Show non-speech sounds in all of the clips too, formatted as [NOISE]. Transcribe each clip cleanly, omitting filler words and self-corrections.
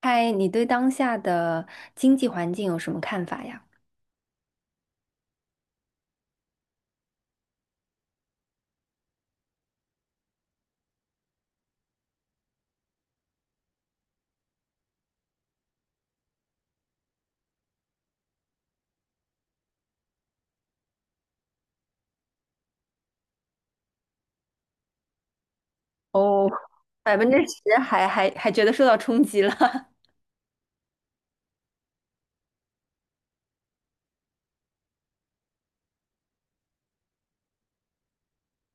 嗨，你对当下的经济环境有什么看法呀？哦，10%还觉得受到冲击了。 [LAUGHS]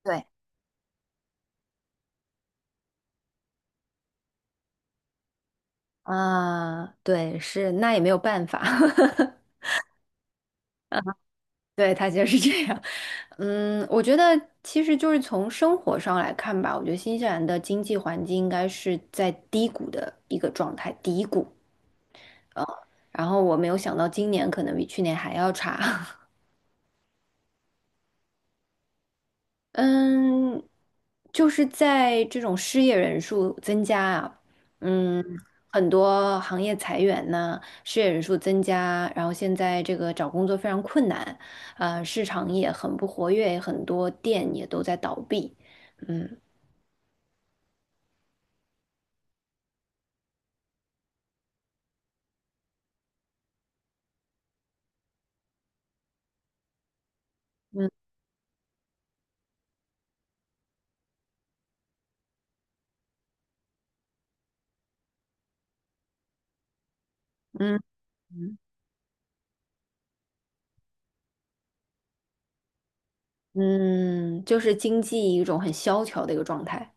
对。啊？对，是，那也没有办法。[LAUGHS] 对，他就是这样。嗯，我觉得其实就是从生活上来看吧，我觉得新西兰的经济环境应该是在低谷的一个状态，低谷。啊。然后我没有想到今年可能比去年还要差。嗯，就是在这种失业人数增加啊。嗯。很多行业裁员呐，失业人数增加，然后现在这个找工作非常困难，市场也很不活跃，很多店也都在倒闭。嗯嗯嗯嗯。嗯就是经济一种很萧条的一个状态。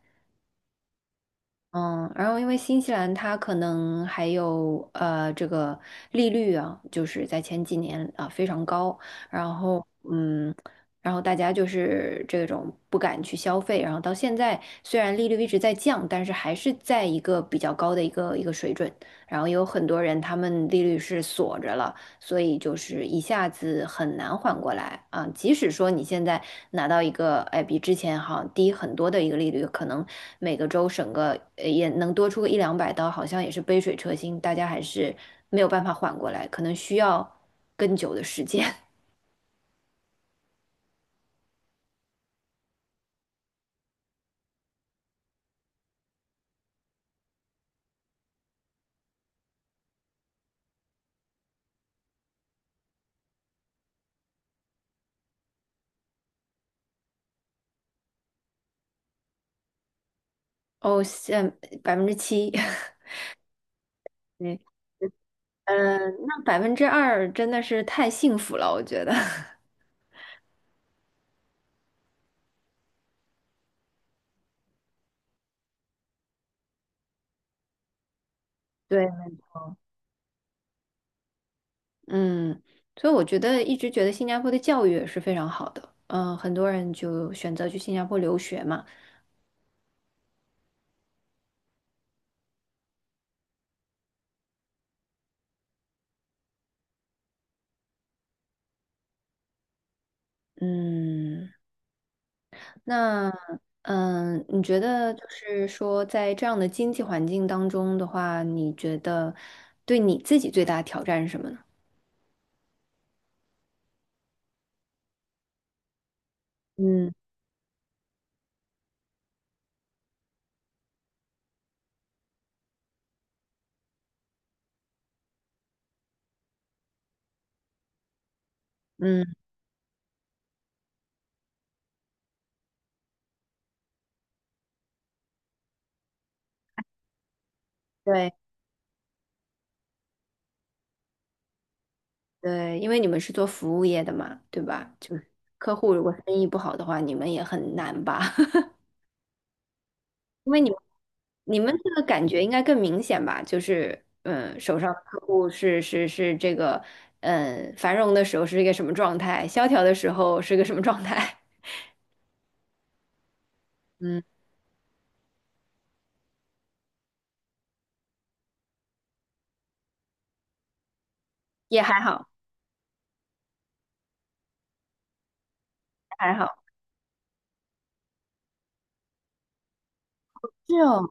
嗯，然后因为新西兰它可能还有这个利率啊，就是在前几年啊、非常高。然后然后大家就是这种不敢去消费，然后到现在虽然利率一直在降，但是还是在一个比较高的一个水准。然后有很多人他们利率是锁着了，所以就是一下子很难缓过来啊。即使说你现在拿到一个，哎，比之前好像低很多的一个利率，可能每个州省个也能多出个一两百刀，好像也是杯水车薪，大家还是没有办法缓过来，可能需要更久的时间。[LAUGHS] 哦，现7%。[LAUGHS] 对。嗯，那2%真的是太幸福了，我觉得。[LAUGHS] 对。嗯，所以我觉得一直觉得新加坡的教育也是非常好的，嗯，很多人就选择去新加坡留学嘛。嗯。那你觉得就是说在这样的经济环境当中的话，你觉得对你自己最大的挑战是什么呢？嗯嗯。对对，因为你们是做服务业的嘛，对吧？就是客户如果生意不好的话，你们也很难吧？[LAUGHS] 因为你们这个感觉应该更明显吧？就是，嗯，手上的客户是这个，嗯，繁荣的时候是一个什么状态，萧条的时候是个什么状态？[LAUGHS] 嗯，也还好，还好。是哦。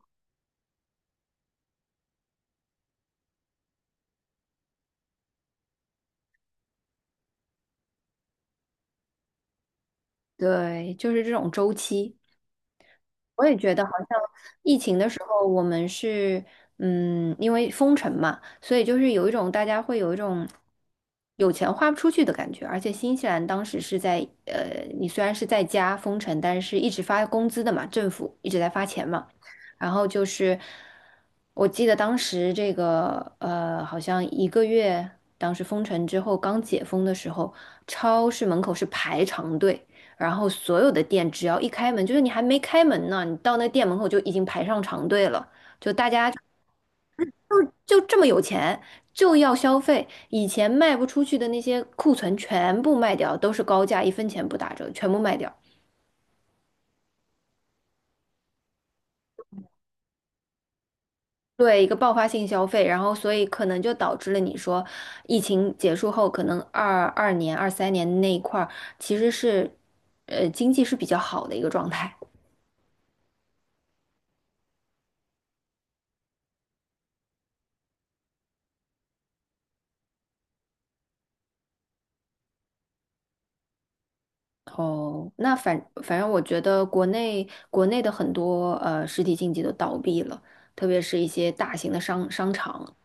对，就是这种周期。我也觉得好像疫情的时候，我们是因为封城嘛，所以就是有一种大家会有一种有钱花不出去的感觉。而且新西兰当时是在你虽然是在家封城，但是一直发工资的嘛，政府一直在发钱嘛。然后就是我记得当时这个好像一个月，当时封城之后刚解封的时候，超市门口是排长队。然后所有的店只要一开门，就是你还没开门呢，你到那店门口就已经排上长队了，就大家就这么有钱，就要消费。以前卖不出去的那些库存全部卖掉，都是高价，一分钱不打折，全部卖掉。对，一个爆发性消费，然后所以可能就导致了你说，疫情结束后，可能22年、23年那一块儿其实是，经济是比较好的一个状态。哦，那反正我觉得国内的很多实体经济都倒闭了，特别是一些大型的商场，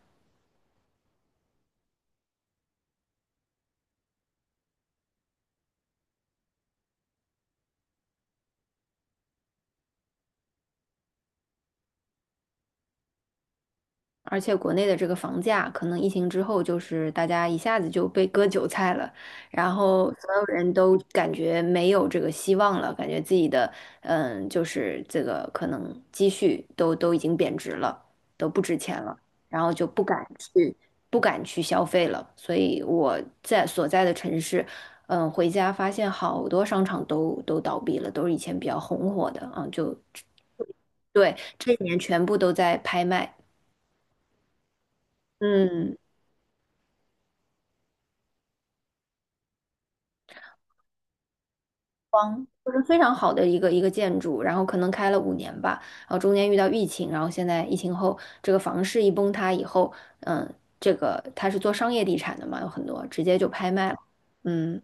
而且国内的这个房价，可能疫情之后就是大家一下子就被割韭菜了，然后所有人都感觉没有这个希望了，感觉自己的就是这个可能积蓄都已经贬值了，都不值钱了，然后就不敢去消费了。所以我在所在的城市，嗯，回家发现好多商场都倒闭了，都是以前比较红火的就对，这一年全部都在拍卖。嗯。就是非常好的一个建筑，然后可能开了5年吧，然后中间遇到疫情，然后现在疫情后这个房市一崩塌以后，嗯，这个它是做商业地产的嘛，有很多直接就拍卖了。嗯。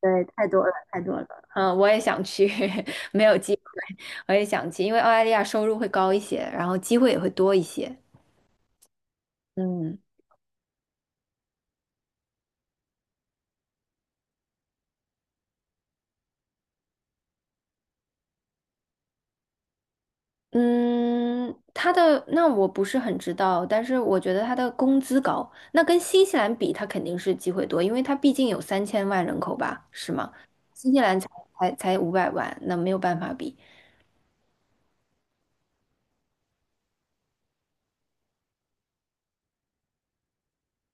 对，太多了，太多了。嗯，我也想去。[LAUGHS] 没有机会。我也想去，因为澳大利亚收入会高一些，然后机会也会多一些。嗯。嗯，他的那我不是很知道，但是我觉得他的工资高，那跟新西兰比，他肯定是机会多，因为他毕竟有3000万人口吧，是吗？新西兰才500万，那没有办法比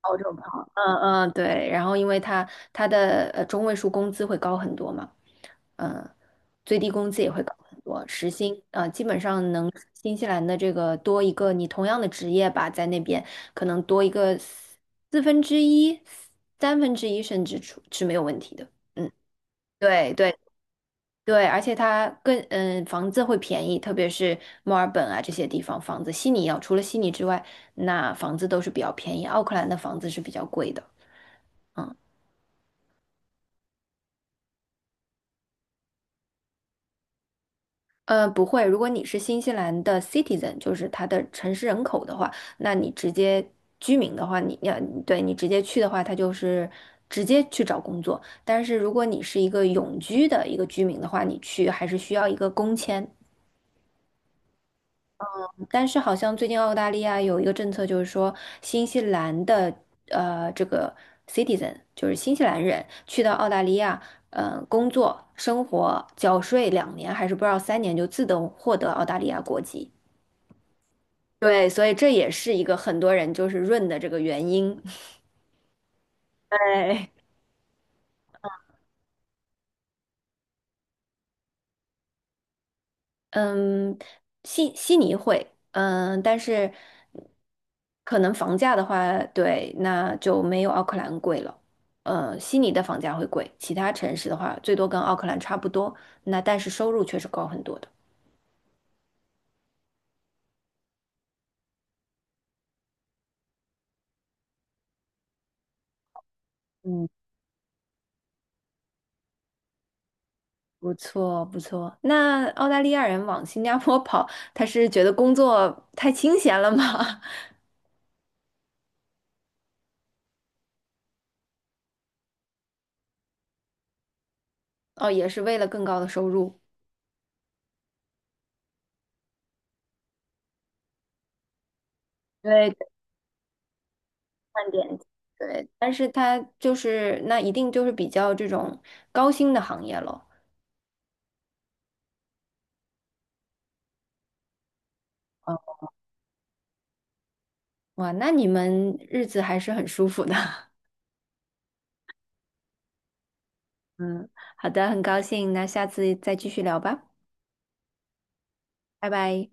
澳洲高。嗯嗯。对，然后因为他他的中位数工资会高很多嘛。嗯，最低工资也会高很多，时薪基本上能新西兰的这个多一个你同样的职业吧，在那边可能多一个四分之一、三分之一甚至出是没有问题的。嗯，对对对，而且它更房子会便宜，特别是墨尔本啊这些地方房子，悉尼要除了悉尼之外，那房子都是比较便宜，奥克兰的房子是比较贵的。嗯。不会。如果你是新西兰的 citizen,就是它的城市人口的话，那你直接居民的话，你要对你直接去的话，它就是直接去找工作。但是如果你是一个永居的一个居民的话，你去还是需要一个工签。但是好像最近澳大利亚有一个政策，就是说新西兰的这个 citizen,就是新西兰人去到澳大利亚，工作、生活、缴税2年，还是不知道三年，就自动获得澳大利亚国籍。对，所以这也是一个很多人就是润的这个原因。对。嗯，悉尼会，嗯，但是可能房价的话，对，那就没有奥克兰贵了。悉尼的房价会贵，其他城市的话，最多跟奥克兰差不多。那但是收入确实高很多的。嗯，不错，不错。那澳大利亚人往新加坡跑，他是觉得工作太清闲了吗？[LAUGHS] 哦，也是为了更高的收入。对。看点，对，但是它就是那一定就是比较这种高薪的行业咯。哦，哇，那你们日子还是很舒服的。[LAUGHS] 嗯，好的，很高兴，那下次再继续聊吧，拜拜。